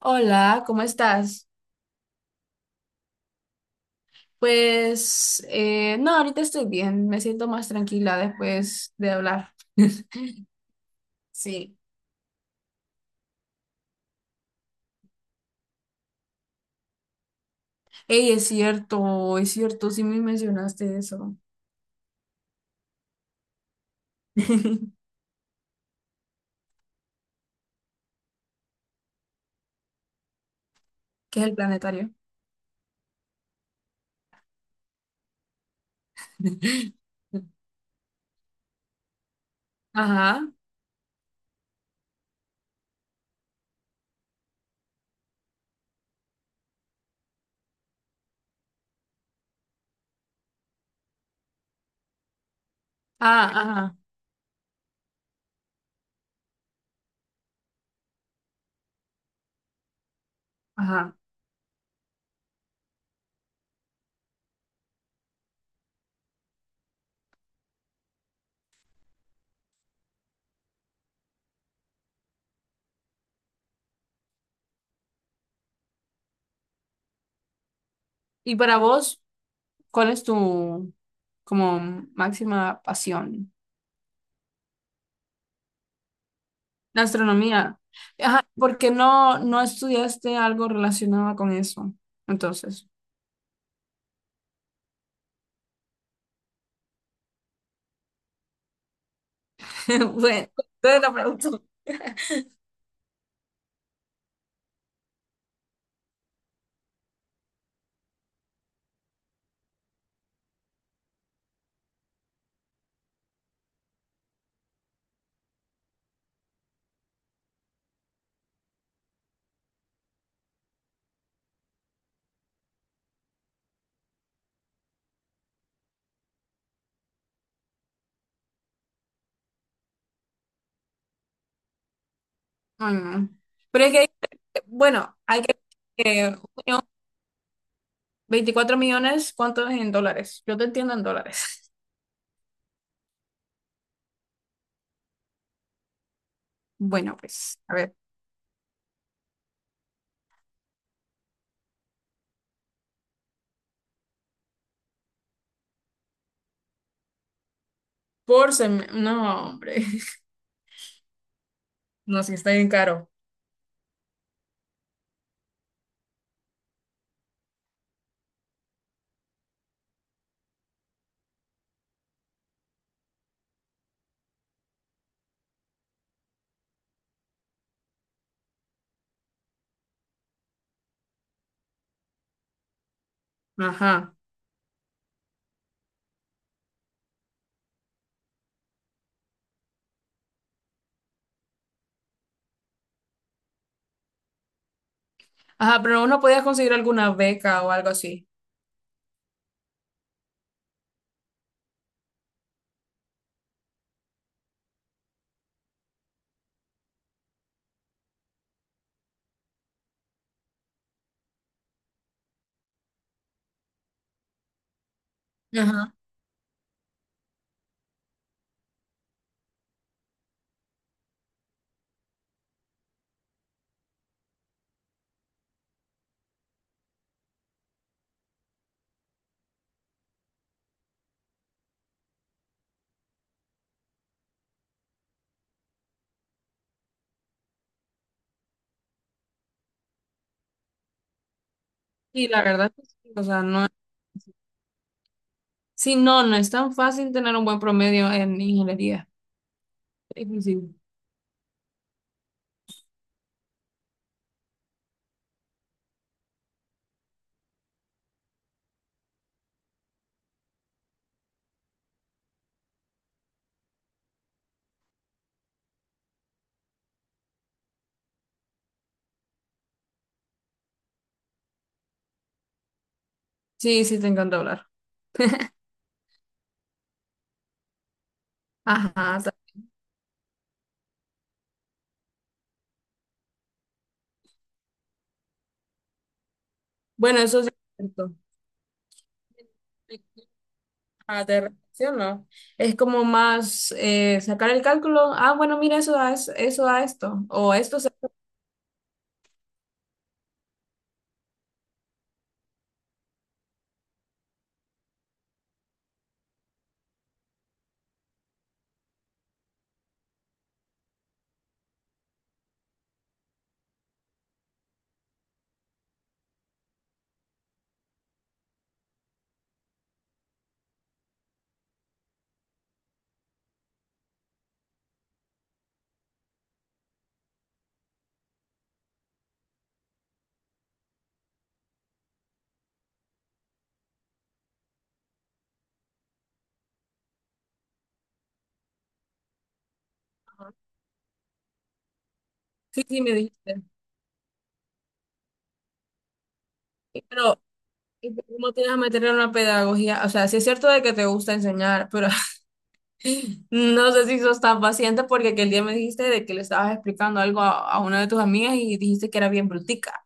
Hola, ¿cómo estás? Pues no, ahorita estoy bien, me siento más tranquila después de hablar. Sí. Ey, es cierto, sí me mencionaste eso. ¿Qué es el planetario? Ajá, ah, ajá, ajá. Y para vos, ¿cuál es tu como máxima pasión? La astronomía. Ajá, porque no estudiaste algo relacionado con eso, entonces. Bueno, entonces la pregunto. Ay, no. Pero es que, bueno, hay que... junio, 24 millones, ¿cuánto es en dólares? Yo te entiendo en dólares. Bueno, pues, a ver. Por semestre. No, hombre. No, sí, está bien caro. Ajá. Ajá, pero uno podía conseguir alguna beca o algo así. Ajá. Y la verdad, que sí, o sea, no. Sí, no, es tan fácil tener un buen promedio en ingeniería. Es difícil. Sí, sí, te encanta hablar. Ajá. ta- Bueno, eso sí es cierto. Ah, te relaciono. Es como más sacar el cálculo. Ah, bueno, mira, eso da, eso da esto. O esto se... Sí, sí, me dijiste. Pero, ¿cómo tienes a meter en una pedagogía? O sea, sí es cierto de que te gusta enseñar, pero no sé si sos tan paciente porque aquel día me dijiste de que le estabas explicando algo a una de tus amigas y dijiste que era bien brutica.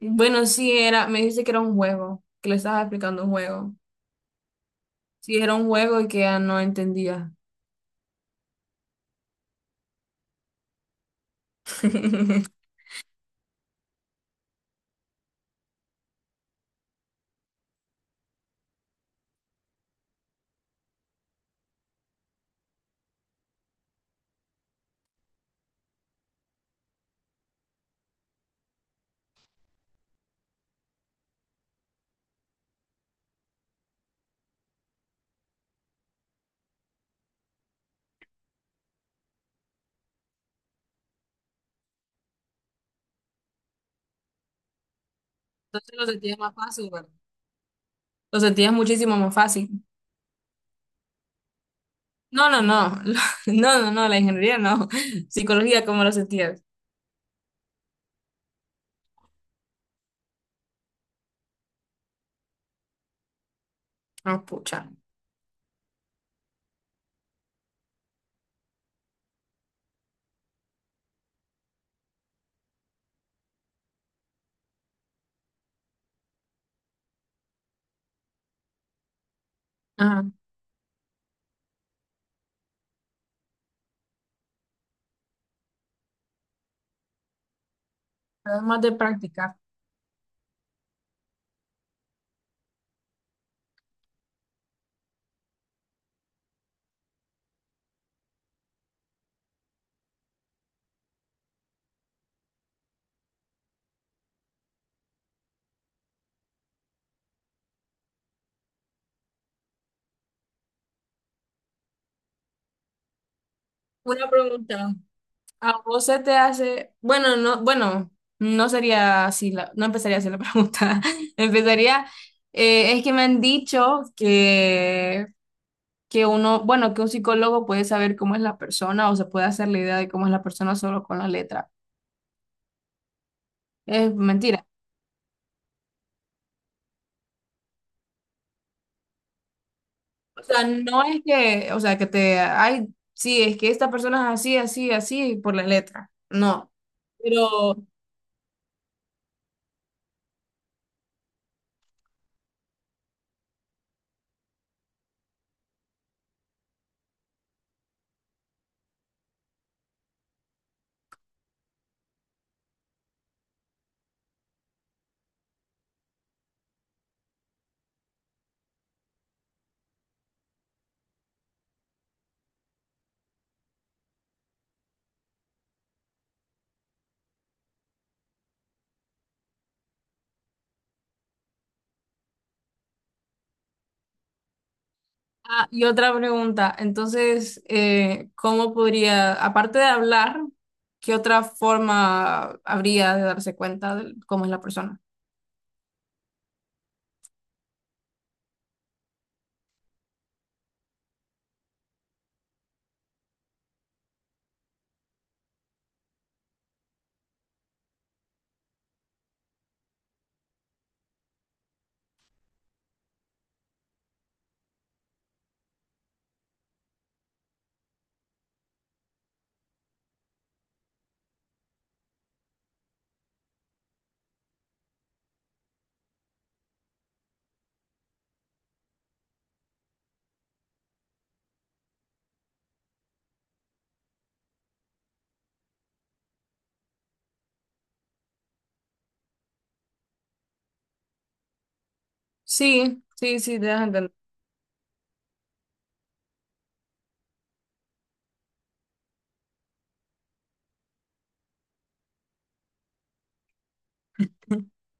Bueno, sí era, me dijiste que era un juego, que le estabas explicando un juego. Sí, era un juego y que ya no entendía. Entonces lo sentía más fácil, ¿verdad? Lo sentías muchísimo más fácil. No, no, no, no, no, no, la ingeniería no. Psicología, ¿cómo lo sentías? Ah, pucha. Ajá, además de practicar. Una pregunta. ¿A vos se te hace, no sería así, no empezaría así la pregunta. Empezaría, es que me han dicho que uno, bueno, que un psicólogo puede saber cómo es la persona o se puede hacer la idea de cómo es la persona solo con la letra. Es mentira. O sea, no es que, o sea, que te, ay, sí, es que esta persona es así, así, así, por la letra. No. Pero, ah, y otra pregunta, entonces, ¿cómo podría, aparte de hablar, qué otra forma habría de darse cuenta de cómo es la persona? Sí, sí, sí, te das a entender.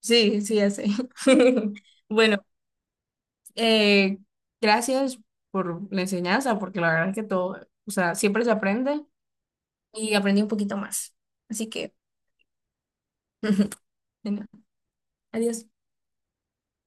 Sí, sí, ya sé. Bueno, eh, gracias por la enseñanza, porque la verdad es que todo, o sea, siempre se aprende y aprendí un poquito más. Así que, bueno, adiós.